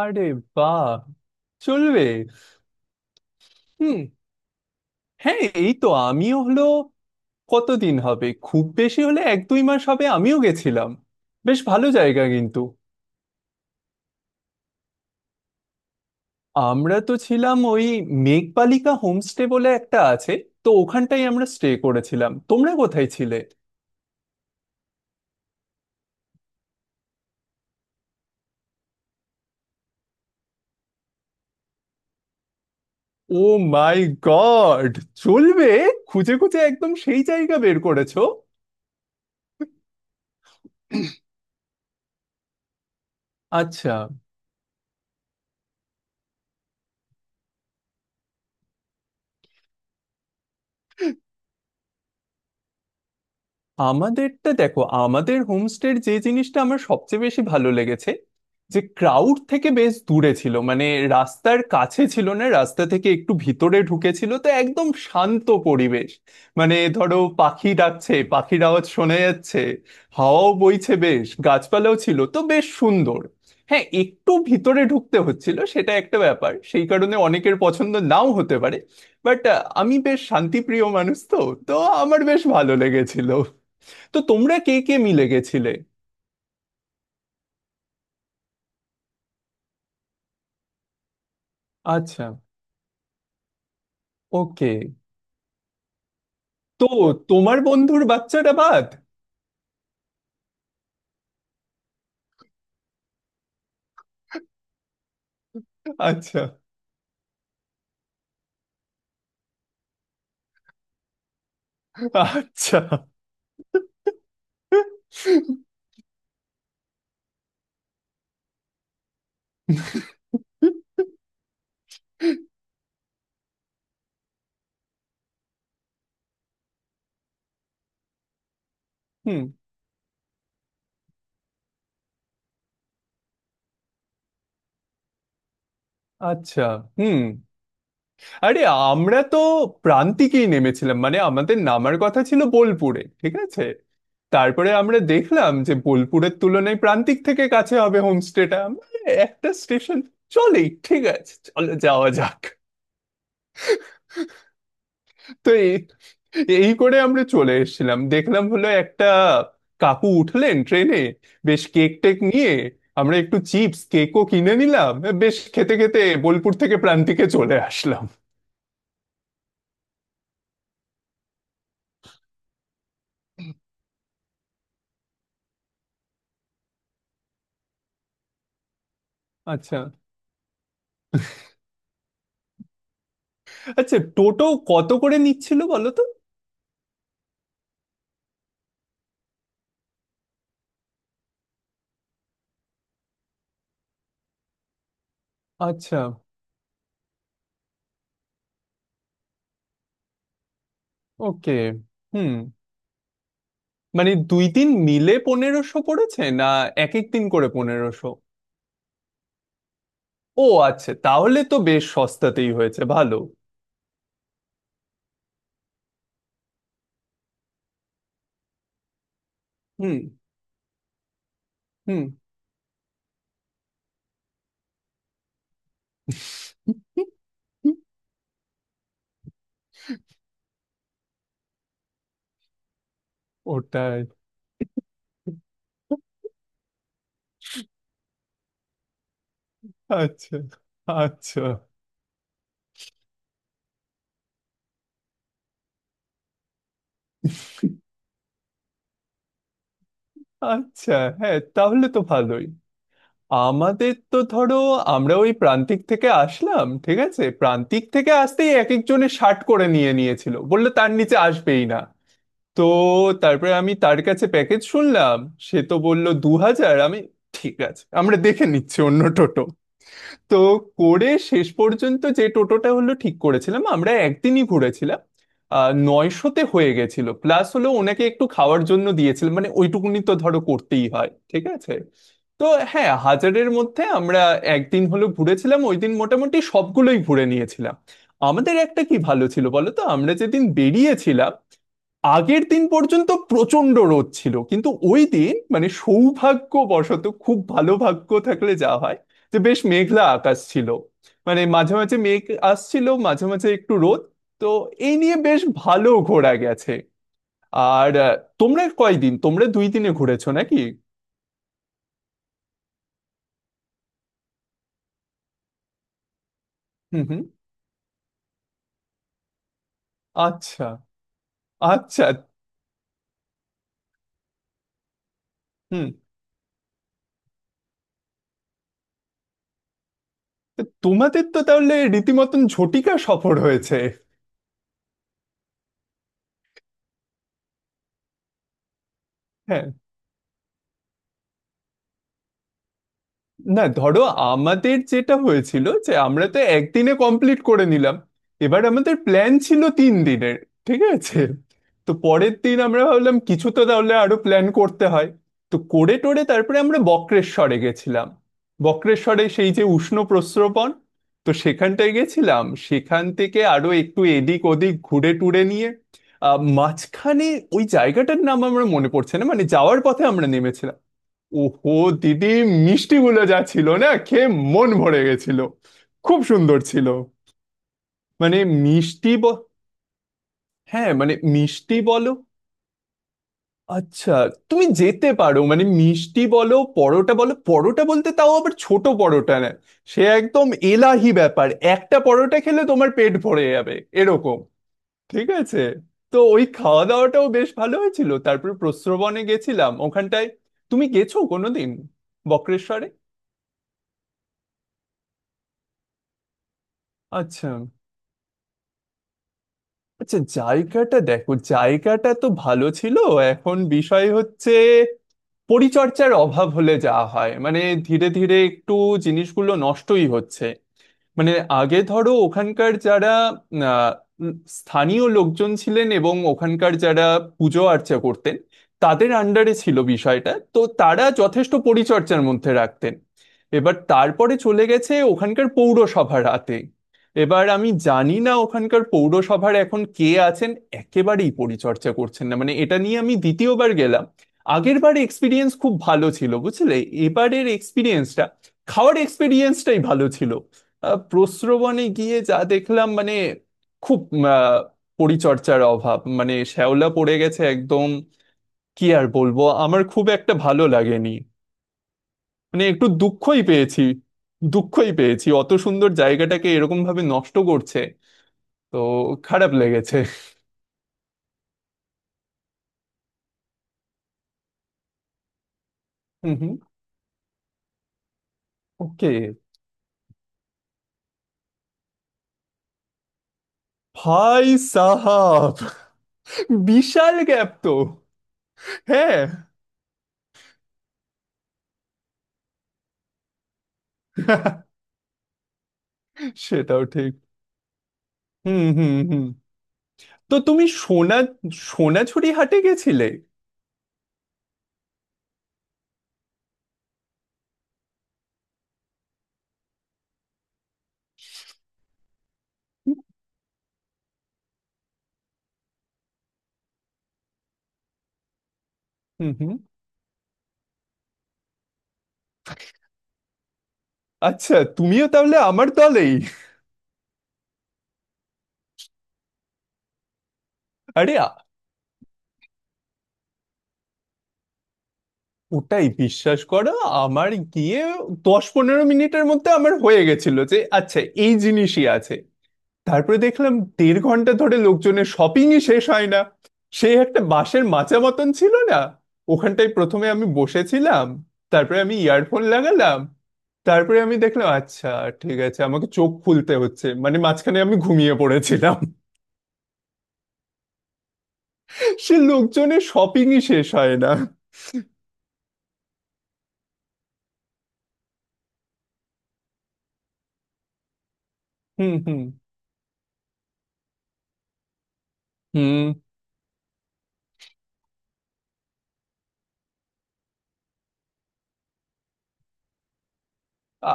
আরে, বাহ! চলবে। হুম, হ্যাঁ, এই তো আমিও হলো। কতদিন হবে, খুব বেশি হলে 1-2 মাস হবে, আমিও গেছিলাম। বেশ ভালো জায়গা কিন্তু। আমরা তো ছিলাম ওই মেঘবালিকা হোমস্টে বলে একটা আছে, তো ওখানটাই আমরা স্টে করেছিলাম। তোমরা কোথায় ছিলে? Oh my God! চলবে। খুঁজে খুঁজে একদম সেই জায়গা বের করেছো। আচ্ছা। আমাদেরটা দেখো, আমাদের হোমস্টের যে জিনিসটা আমার সবচেয়ে বেশি ভালো লেগেছে, যে ক্রাউড থেকে বেশ দূরে ছিল, মানে রাস্তার কাছে ছিল না, রাস্তা থেকে একটু ভিতরে ঢুকেছিল, তো একদম শান্ত পরিবেশ। মানে ধরো পাখি ডাকছে, পাখির আওয়াজ শোনা যাচ্ছে, হাওয়াও বইছে বেশ, গাছপালাও ছিল, তো বেশ সুন্দর। হ্যাঁ একটু ভিতরে ঢুকতে হচ্ছিল সেটা একটা ব্যাপার, সেই কারণে অনেকের পছন্দ নাও হতে পারে, বাট আমি বেশ শান্তিপ্রিয় মানুষ, তো তো আমার বেশ ভালো লেগেছিল। তো তোমরা কে কে মিলে গেছিলে? আচ্ছা। ওকে। তো তোমার বন্ধুর বাচ্চাটা বাদ? আচ্ছা আচ্ছা। হুম। আচ্ছা। হুম। আরে, আমরা তো প্রান্তিকেই নেমেছিলাম, মানে আমাদের নামার কথা ছিল বোলপুরে, ঠিক আছে? তারপরে আমরা দেখলাম যে বোলপুরের তুলনায় প্রান্তিক থেকে কাছে হবে হোমস্টেটা, আমরা একটা স্টেশন চলেই, ঠিক আছে চলো যাওয়া যাক। তো এই করে আমরা চলে এসেছিলাম, দেখলাম হলো একটা কাকু উঠলেন ট্রেনে, বেশ কেক টেক নিয়ে, আমরা একটু চিপস কেকও কিনে নিলাম, বেশ খেতে খেতে বোলপুর থেকে প্রান্তিকে চলে আসলাম। আচ্ছা। আচ্ছা টোটো কত করে নিচ্ছিল বলো তো? আচ্ছা। ওকে। হুম, মানে 2 দিন মিলে 1500 পড়েছে, না এক এক দিন করে 1500? ও আচ্ছা, তাহলে তো বেশ সস্তাতেই হয়েছে, ভালো। হুম, হুম, হুম, হুম। ওটাই। আচ্ছা আচ্ছা আচ্ছা। হ্যাঁ তাহলে তো ভালোই। আমাদের তো ধরো, আমরা ওই প্রান্তিক থেকে আসলাম, ঠিক আছে? প্রান্তিক থেকে আসতেই এক একজনের শার্ট করে নিয়ে নিয়েছিল, বললো তার নিচে আসবেই না। তো তারপরে আমি তার কাছে প্যাকেজ শুনলাম, সে তো বলল 2000। আমি, ঠিক আছে আমরা দেখে নিচ্ছি অন্য টোটো। তো করে শেষ পর্যন্ত যে টোটোটা হলো ঠিক করেছিলাম, আমরা একদিনই ঘুরেছিলাম, 900-তে হয়ে গেছিল। প্লাস হলো ওনাকে একটু খাওয়ার জন্য দিয়েছিলাম, মানে ওইটুকুনি তো ধরো করতেই হয়, ঠিক আছে। তো হ্যাঁ, 1000-এর মধ্যে আমরা একদিন হলো ঘুরেছিলাম, ওই দিন মোটামুটি সবগুলোই ঘুরে নিয়েছিলাম। আমাদের একটা কি ভালো ছিল বলো তো, আমরা যেদিন বেরিয়েছিলাম আগের দিন পর্যন্ত প্রচন্ড রোদ ছিল, কিন্তু ওই দিন মানে সৌভাগ্যবশত খুব ভালো ভাগ্য থাকলে যা হয়, যে বেশ মেঘলা আকাশ ছিল, মানে মাঝে মাঝে মেঘ আসছিল মাঝে মাঝে একটু রোদ, তো এই নিয়ে বেশ ভালো ঘোরা গেছে। আর তোমরা কয়দিন, তোমরা 2 দিনে ঘুরেছো নাকি? হুম হুম। আচ্ছা আচ্ছা। হুম। তো তোমাদের তো তাহলে রীতিমতন ঝটিকা সফর হয়েছে। হ্যাঁ। না ধরো, আমাদের যেটা হয়েছিল যে আমরা তো একদিনে কমপ্লিট করে নিলাম, এবার আমাদের প্ল্যান ছিল 3 দিনের, ঠিক আছে? তো পরের দিন আমরা ভাবলাম কিছু তো তাহলে আরো প্ল্যান করতে হয়, তো করে টোরে তারপরে আমরা বক্রেশ্বরে গেছিলাম। বক্রেশ্বরে সেই যে উষ্ণ প্রস্রবণ, তো সেখানটায় গেছিলাম, সেখান থেকে আরো একটু এদিক ওদিক ঘুরে টুরে নিয়ে, মাঝখানে ওই জায়গাটার নাম আমার মনে পড়ছে না, মানে যাওয়ার পথে আমরা নেমেছিলাম, ওহো দিদি, মিষ্টিগুলো যা ছিল না, খেয়ে মন ভরে গেছিল, খুব সুন্দর ছিল। মানে মিষ্টি হ্যাঁ মানে মিষ্টি বলো। আচ্ছা। তুমি যেতে পারো, মানে মিষ্টি বলো, পরোটা বলো, পরোটা বলতে তাও আবার ছোট পরোটা না, সে একদম এলাহি ব্যাপার, একটা পরোটা খেলে তোমার পেট ভরে যাবে এরকম, ঠিক আছে? তো ওই খাওয়া দাওয়াটাও বেশ ভালো হয়েছিল, তারপর প্রস্রবনে গেছিলাম ওখানটায়। তুমি গেছো কোনোদিন বক্রেশ্বরে? আচ্ছা। আচ্ছা জায়গাটা দেখো, জায়গাটা তো ভালো ছিল, এখন বিষয় হচ্ছে পরিচর্যার অভাব হলে যা হয় মানে, ধীরে ধীরে একটু জিনিসগুলো নষ্টই হচ্ছে। মানে আগে ধরো ওখানকার যারা আহ, উম, স্থানীয় লোকজন ছিলেন, এবং ওখানকার যারা পুজো আর্চা করতেন, তাদের আন্ডারে ছিল বিষয়টা, তো তারা যথেষ্ট পরিচর্যার মধ্যে রাখতেন। এবার তারপরে চলে গেছে ওখানকার পৌরসভা রাতে, এবার আমি জানি না ওখানকার পৌরসভার এখন কে আছেন, একেবারেই পরিচর্যা করছেন না, মানে এটা নিয়ে আমি দ্বিতীয়বার গেলাম, আগের বার এক্সপিরিয়েন্স খুব ভালো ছিল বুঝলে, এবারের এক্সপিরিয়েন্সটা, খাওয়ার এক্সপিরিয়েন্সটাই ভালো ছিল। প্রস্রবণে গিয়ে যা দেখলাম মানে, খুব আহ, পরিচর্যার অভাব, মানে শ্যাওলা পড়ে গেছে একদম। কি আর বলবো, আমার খুব একটা ভালো লাগেনি, মানে একটু দুঃখই পেয়েছি, দুঃখই পেয়েছি অত সুন্দর জায়গাটাকে এরকম ভাবে নষ্ট করছে, তো খারাপ লেগেছে। হুম হুম। ওকে। ভাই সাহাব, বিশাল গ্যাপ তো। হ্যাঁ। সেটাও ঠিক। হুম হুম হুম। তো তুমি সোনা, সোনাঝুরি হাটে গেছিলে? হুম হুম। আচ্ছা তুমিও তাহলে আমার দলেই। আরে ওটাই বিশ্বাস করো। আমার গিয়ে 10-15 মিনিটের মধ্যে আমার হয়ে গেছিল যে আচ্ছা, এই জিনিসই আছে। তারপরে দেখলাম দেড় ঘন্টা ধরে লোকজনের শপিংই শেষ হয় না। সে একটা বাঁশের মাচা মতন ছিল না, ওখানটায় প্রথমে আমি বসেছিলাম, তারপরে আমি ইয়ারফোন লাগালাম, তারপরে আমি দেখলাম আচ্ছা ঠিক আছে, আমাকে চোখ খুলতে হচ্ছে, মানে মাঝখানে আমি ঘুমিয়ে পড়েছিলাম, সে লোকজনের শপিংই শেষ হয় না। হুম হুম হুম, আ,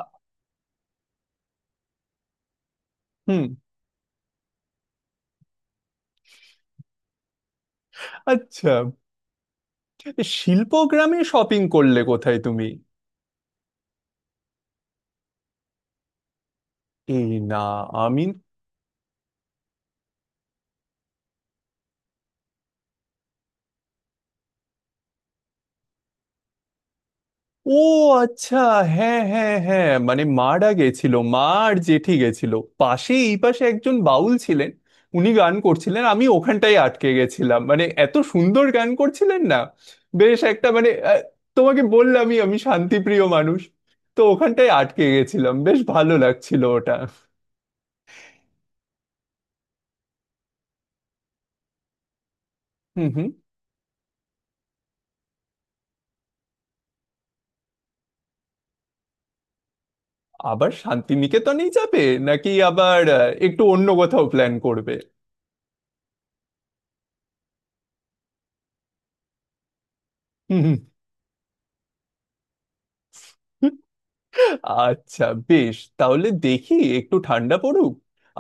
হুম। আচ্ছা। শিল্প গ্রামে শপিং করলে কোথায় তুমি? এই না, আমি। ও আচ্ছা। হ্যাঁ হ্যাঁ হ্যাঁ, মানে মারা গেছিল মা আর জেঠি গেছিল। পাশে, এই পাশে একজন বাউল ছিলেন, উনি গান করছিলেন, আমি ওখানটায় আটকে গেছিলাম, মানে এত সুন্দর গান করছিলেন না, বেশ একটা মানে তোমাকে বললামই আমি শান্তিপ্রিয় মানুষ, তো ওখানটায় আটকে গেছিলাম, বেশ ভালো লাগছিল ওটা। হুম হুম। আবার শান্তিনিকেতনেই যাবে, নাকি আবার একটু অন্য কোথাও প্ল্যান করবে? হুম। আচ্ছা বেশ, তাহলে দেখি একটু ঠান্ডা পড়ুক,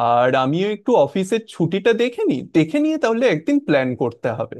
আর আমিও একটু অফিসের ছুটিটা দেখে নিই, দেখে নিয়ে তাহলে একদিন প্ল্যান করতে হবে।